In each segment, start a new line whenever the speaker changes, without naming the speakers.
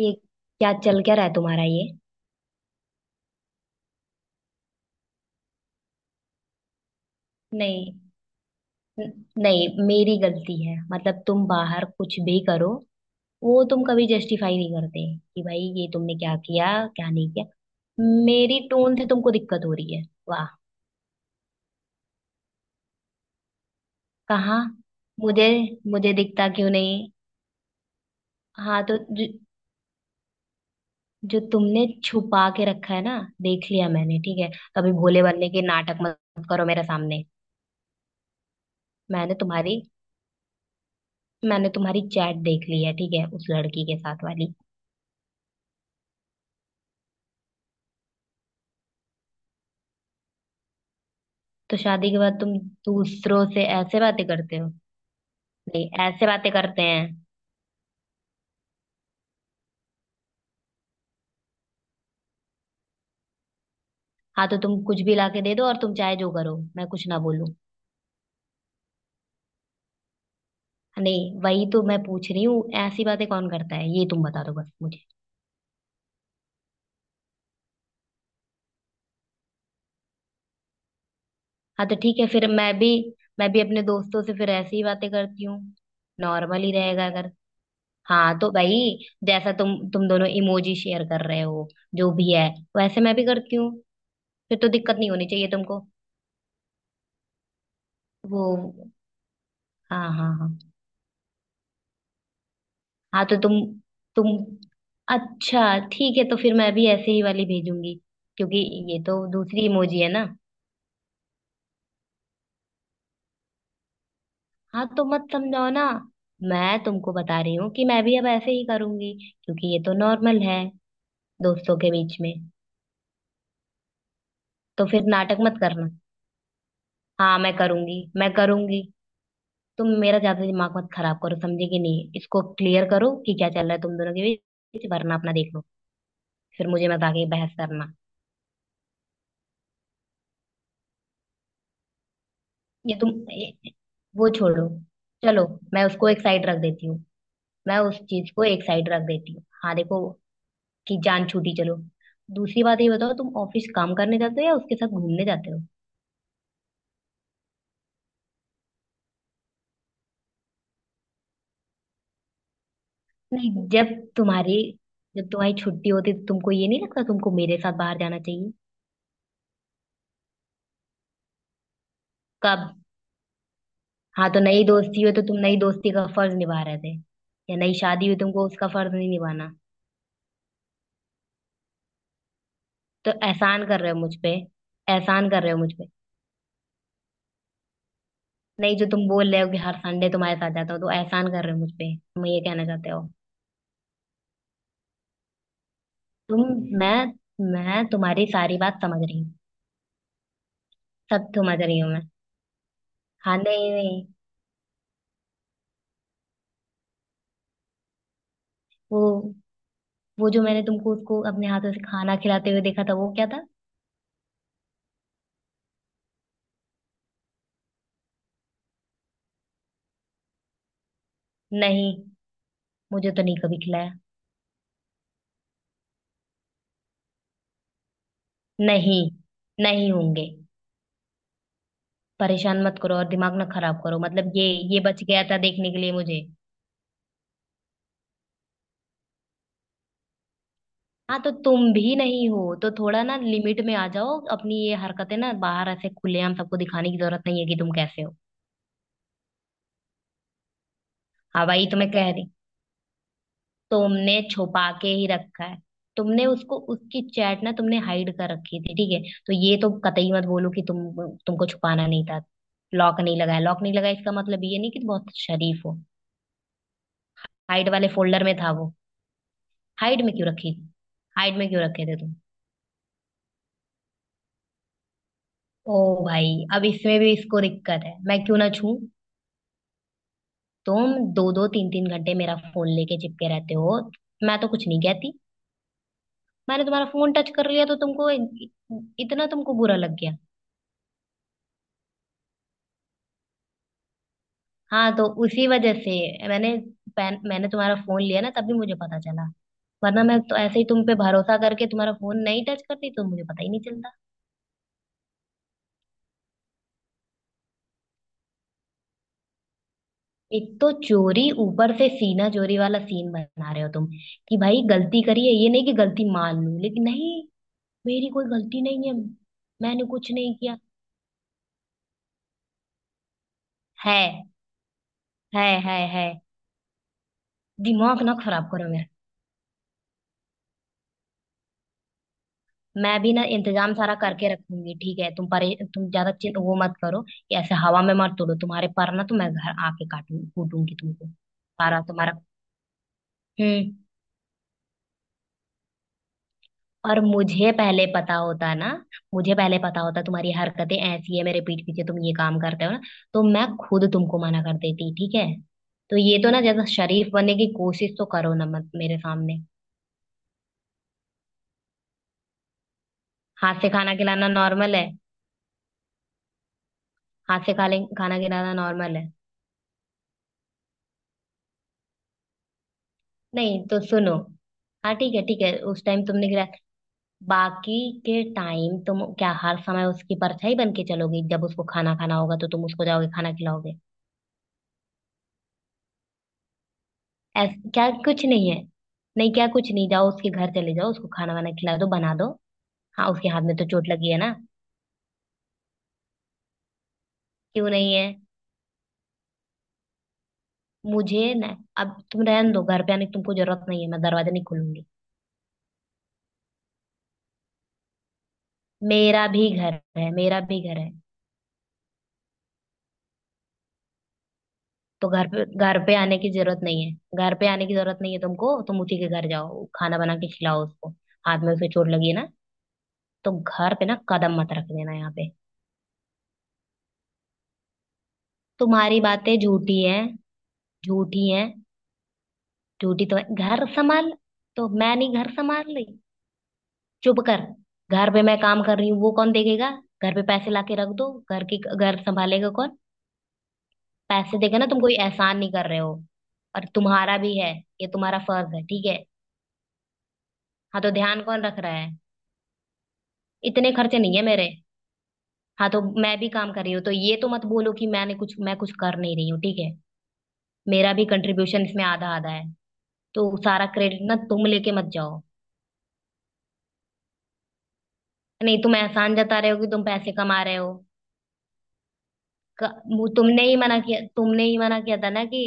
ये क्या रहा है तुम्हारा ये। नहीं। न- नहीं, मेरी गलती है मतलब तुम बाहर कुछ भी करो। वो तुम कभी जस्टिफाई नहीं करते कि भाई ये तुमने क्या किया क्या नहीं किया। मेरी टोन से तुमको दिक्कत हो रही है? वाह। कहाँ? मुझे मुझे दिखता क्यों नहीं? हाँ तो जो तुमने छुपा के रखा है ना देख लिया मैंने, ठीक है। कभी भोले बनने के नाटक मत करो मेरे सामने। मैंने तुम्हारी मैंने तुम्हारी चैट देख ली है, ठीक है, उस लड़की के साथ वाली। तो शादी के बाद तुम दूसरों से ऐसे बातें करते हो? नहीं ऐसे बातें करते हैं। हाँ तो तुम कुछ भी लाके दे दो और तुम चाहे जो करो मैं कुछ ना बोलूं। नहीं वही तो मैं पूछ रही हूँ, ऐसी बातें कौन करता है ये तुम बता दो बस मुझे। हाँ तो ठीक है फिर मैं भी अपने दोस्तों से फिर ऐसी ही बातें करती हूँ। नॉर्मल ही रहेगा अगर। हाँ तो भाई जैसा तुम दोनों इमोजी शेयर कर रहे हो जो भी है, वैसे मैं भी करती हूँ। फिर तो दिक्कत नहीं होनी चाहिए तुमको। वो। हाँ हाँ हाँ। हाँ तो तुम अच्छा ठीक है, तो फिर मैं भी ऐसे ही वाली भेजूंगी क्योंकि ये तो दूसरी इमोजी है ना। हाँ तो मत समझाओ ना। मैं तुमको बता रही हूँ कि मैं भी अब ऐसे ही करूंगी क्योंकि ये तो नॉर्मल है दोस्तों के बीच में। तो फिर नाटक मत करना। हाँ मैं करूंगी, मैं करूंगी। तुम मेरा ज्यादा दिमाग मत खराब करो, समझे कि नहीं? इसको क्लियर करो कि क्या चल रहा है तुम दोनों के बीच, वरना अपना देख लो। फिर मुझे मत आके बहस करना। ये तुम ये- वो छोड़ो। चलो मैं उसको एक साइड रख देती हूँ। मैं उस चीज को एक साइड रख देती हूँ, हाँ देखो, कि जान छूटी चलो। दूसरी बात ये बताओ, तुम ऑफिस काम करने जाते हो या उसके साथ घूमने जाते हो? नहीं तुम्हारी जब तुम्हारी छुट्टी होती तो तुमको ये नहीं लगता तुमको मेरे साथ बाहर जाना चाहिए? कब? हाँ तो नई दोस्ती हुई तो तुम नई दोस्ती का फर्ज निभा रहे थे या नई शादी हुई तुमको उसका फर्ज नहीं निभाना? तो एहसान कर रहे हो मुझ पे। एहसान कर रहे हो मुझ पे। नहीं जो तुम बोल रहे हो कि हर संडे तुम्हारे साथ जाता हो तो एहसान कर रहे हो मुझ पे, तुम ये कहना चाहते हो? तुम मैं मैं तुम्हारी सारी बात समझ रही हूँ। सब समझ रही हूँ मैं। हाँ, नहीं नहीं। वो वो जो मैंने तुमको उसको अपने हाथों से खाना खिलाते हुए देखा था वो क्या था? नहीं। मुझे तो नहीं कभी खिलाया। नहीं। नहीं होंगे। परेशान मत करो और दिमाग ना खराब करो, मतलब ये। ये बच गया था देखने के लिए मुझे। हाँ तो तुम भी नहीं हो तो थोड़ा ना लिमिट में आ जाओ। अपनी ये हरकतें ना बाहर ऐसे खुलेआम सबको दिखाने की जरूरत नहीं है कि तुम कैसे हो। हाँ भाई, तो मैं कह रही तुमने छुपा के ही रखा है। तुमने उसको, उसकी चैट ना तुमने हाइड कर रखी थी, ठीक है, तो ये तो कतई मत बोलो कि तुम, तुमको छुपाना नहीं था। लॉक नहीं लगाया, लॉक नहीं लगाया इसका मतलब ये नहीं कि तुम बहुत शरीफ हो। हाइड वाले फोल्डर में था वो। हाइड में क्यों रखी थी? हाइड में क्यों रखे थे तुम? ओ भाई, अब इसमें भी इसको दिक्कत है मैं क्यों ना छू। तुम दो दो तीन तीन घंटे मेरा फोन लेके चिपके रहते हो, मैं तो कुछ नहीं कहती। मैंने तुम्हारा फोन टच कर लिया तो तुमको इतना तुमको बुरा लग गया। हाँ तो उसी वजह से मैंने मैंने तुम्हारा फोन लिया ना तभी मुझे पता चला। वरना मैं तो ऐसे ही तुम पे भरोसा करके तुम्हारा फोन नहीं टच करती तो मुझे पता ही नहीं चलता। एक तो चोरी ऊपर से सीना चोरी वाला सीन बना रहे हो तुम, कि भाई गलती करी है ये नहीं कि गलती मान लूं, लेकिन नहीं। मेरी कोई गलती नहीं है। मैंने कुछ नहीं किया। है है है। दिमाग ना खराब करो मेरा। मैं भी ना इंतजाम सारा करके रखूंगी, ठीक है। तुम परे, तुम ज्यादा वो मत करो कि ऐसे हवा में मत तोड़ो तुम्हारे पर, ना तो मैं घर आके काटूंगी कूटूंगी तुमको सारा तुम्हारा। हम्म और मुझे पहले पता होता ना। मुझे पहले पता होता तुम्हारी हरकतें ऐसी है, मेरे पीठ पीछे तुम ये काम करते हो ना, तो मैं खुद तुमको मना कर देती, ठीक है। तो ये तो ना ज्यादा शरीफ बनने की कोशिश तो करो ना मत मेरे सामने। हाथ से खाना खिलाना नॉर्मल है? हाथ से खा ले खाना खिलाना नॉर्मल है? नहीं तो सुनो। हाँ ठीक है, ठीक है, उस टाइम तुमने गिराया। बाकी के टाइम तुम क्या हर समय उसकी परछाई बन के चलोगी? जब उसको खाना खाना होगा तो तुम उसको जाओगे खाना खिलाओगे? ऐस क्या कुछ नहीं है? नहीं क्या कुछ नहीं, जाओ उसके घर चले जाओ, उसको खाना वाना खिला दो, बना दो। हाँ, उसके हाथ में तो चोट लगी है ना। क्यों नहीं है? मुझे ना, अब तुम रहने दो, घर पे आने की तुमको जरूरत नहीं है, मैं दरवाजा नहीं खोलूंगी। मेरा भी घर है, मेरा भी घर है। तो घर पे आने की जरूरत नहीं है। घर पे आने की जरूरत नहीं है तुमको, तुम उसी के घर जाओ, खाना बना के खिलाओ उसको। हाथ में उसे चोट लगी है ना। तो घर पे ना कदम मत रख देना यहाँ पे। तुम्हारी बातें झूठी हैं। झूठी हैं। झूठी तो है। घर संभाल तो मैं नहीं घर संभाल रही? चुप कर। घर पे मैं काम कर रही हूँ वो कौन देखेगा। घर पे पैसे लाके रख दो, घर की, घर संभालेगा कौन? पैसे देगा ना तुम कोई एहसान नहीं कर रहे हो, और तुम्हारा भी है। ये तुम्हारा फर्ज है, ठीक है। हाँ तो ध्यान कौन रख रहा है? इतने खर्चे नहीं है मेरे। हाँ तो मैं भी काम कर रही हूँ, तो ये तो मत बोलो कि मैं कुछ कर नहीं रही हूँ, ठीक है। मेरा भी कंट्रीब्यूशन इसमें आधा आधा है, तो सारा क्रेडिट ना तुम लेके मत जाओ। नहीं तुम एहसान जता रहे हो कि तुम पैसे कमा रहे हो। क- वो तुमने ही मना किया। तुमने ही मना किया था ना कि।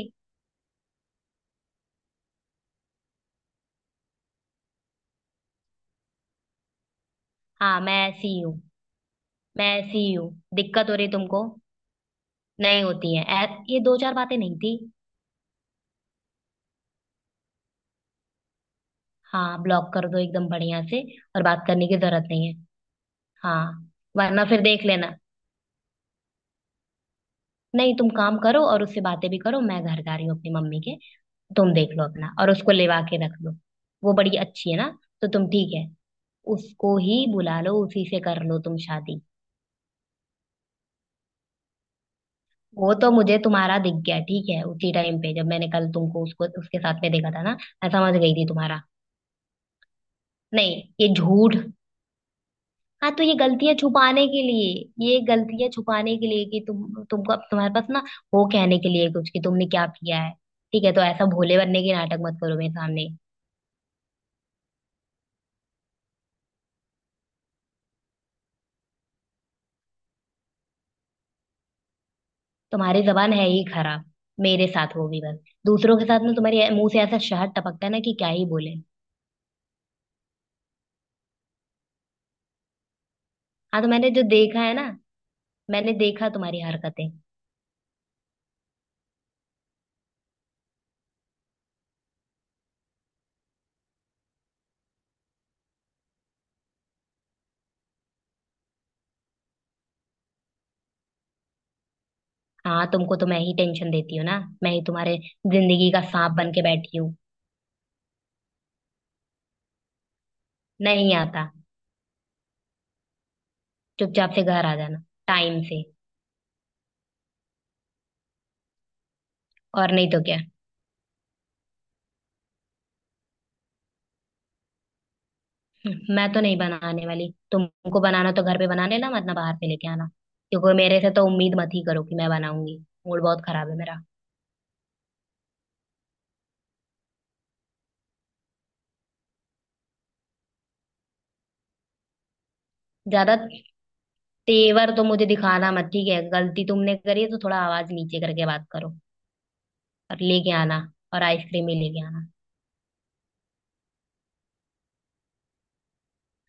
हाँ मैं ऐसी ही हूँ। मैं ऐसी ही हूँ, दिक्कत हो रही तुमको? नहीं होती है, ये दो चार बातें नहीं थी। हाँ ब्लॉक कर दो एकदम बढ़िया से और बात करने की जरूरत नहीं है। हाँ, वरना फिर देख लेना। नहीं तुम काम करो और उससे बातें भी करो, मैं घर जा रही हूँ अपनी मम्मी के। तुम देख लो अपना और उसको लेवा के रख लो। वो बड़ी अच्छी है ना। तो तुम ठीक है, उसको ही बुला लो, उसी से कर लो तुम शादी। वो तो मुझे तुम्हारा दिख गया, ठीक है, उसी टाइम पे जब मैंने कल तुमको उसको उसके साथ में देखा था ना। मैं समझ गई थी तुम्हारा। नहीं, ये झूठ। हाँ तो ये गलतियां छुपाने के लिए। ये गलतियां छुपाने के लिए कि तुमको अब तुम्हारे पास ना वो कहने के लिए कुछ कि तुमने क्या किया है, ठीक है। तो ऐसा भोले बनने के नाटक मत करो मेरे सामने। तुम्हारी जबान है ही खराब। मेरे साथ होगी बस। दूसरों के साथ में तुम्हारे मुंह से ऐसा शहद टपकता है ना कि क्या ही बोले। हाँ तो मैंने जो देखा है ना। मैंने देखा तुम्हारी हरकतें। हाँ तुमको तो मैं ही टेंशन देती हूँ ना। मैं ही तुम्हारे जिंदगी का सांप बन के बैठी हूँ। नहीं आता। चुपचाप से घर आ जाना टाइम से। और नहीं तो क्या। मैं तो नहीं बनाने वाली तुमको। बनाना तो घर पे बना लेना, मत ना बाहर से लेके आना। क्योंकि मेरे से तो उम्मीद मत ही करो कि मैं बनाऊंगी। मूड बहुत खराब है मेरा। ज्यादा तेवर तो मुझे दिखाना मत, ठीक है, गलती तुमने करी है तो थोड़ा आवाज नीचे करके बात करो और लेके आना। और आइसक्रीम ही लेके आना।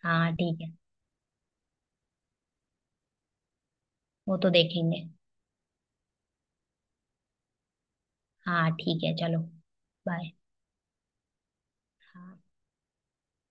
हाँ ठीक है। वो तो देखेंगे। हाँ ठीक है, चलो। बाय। हाँ।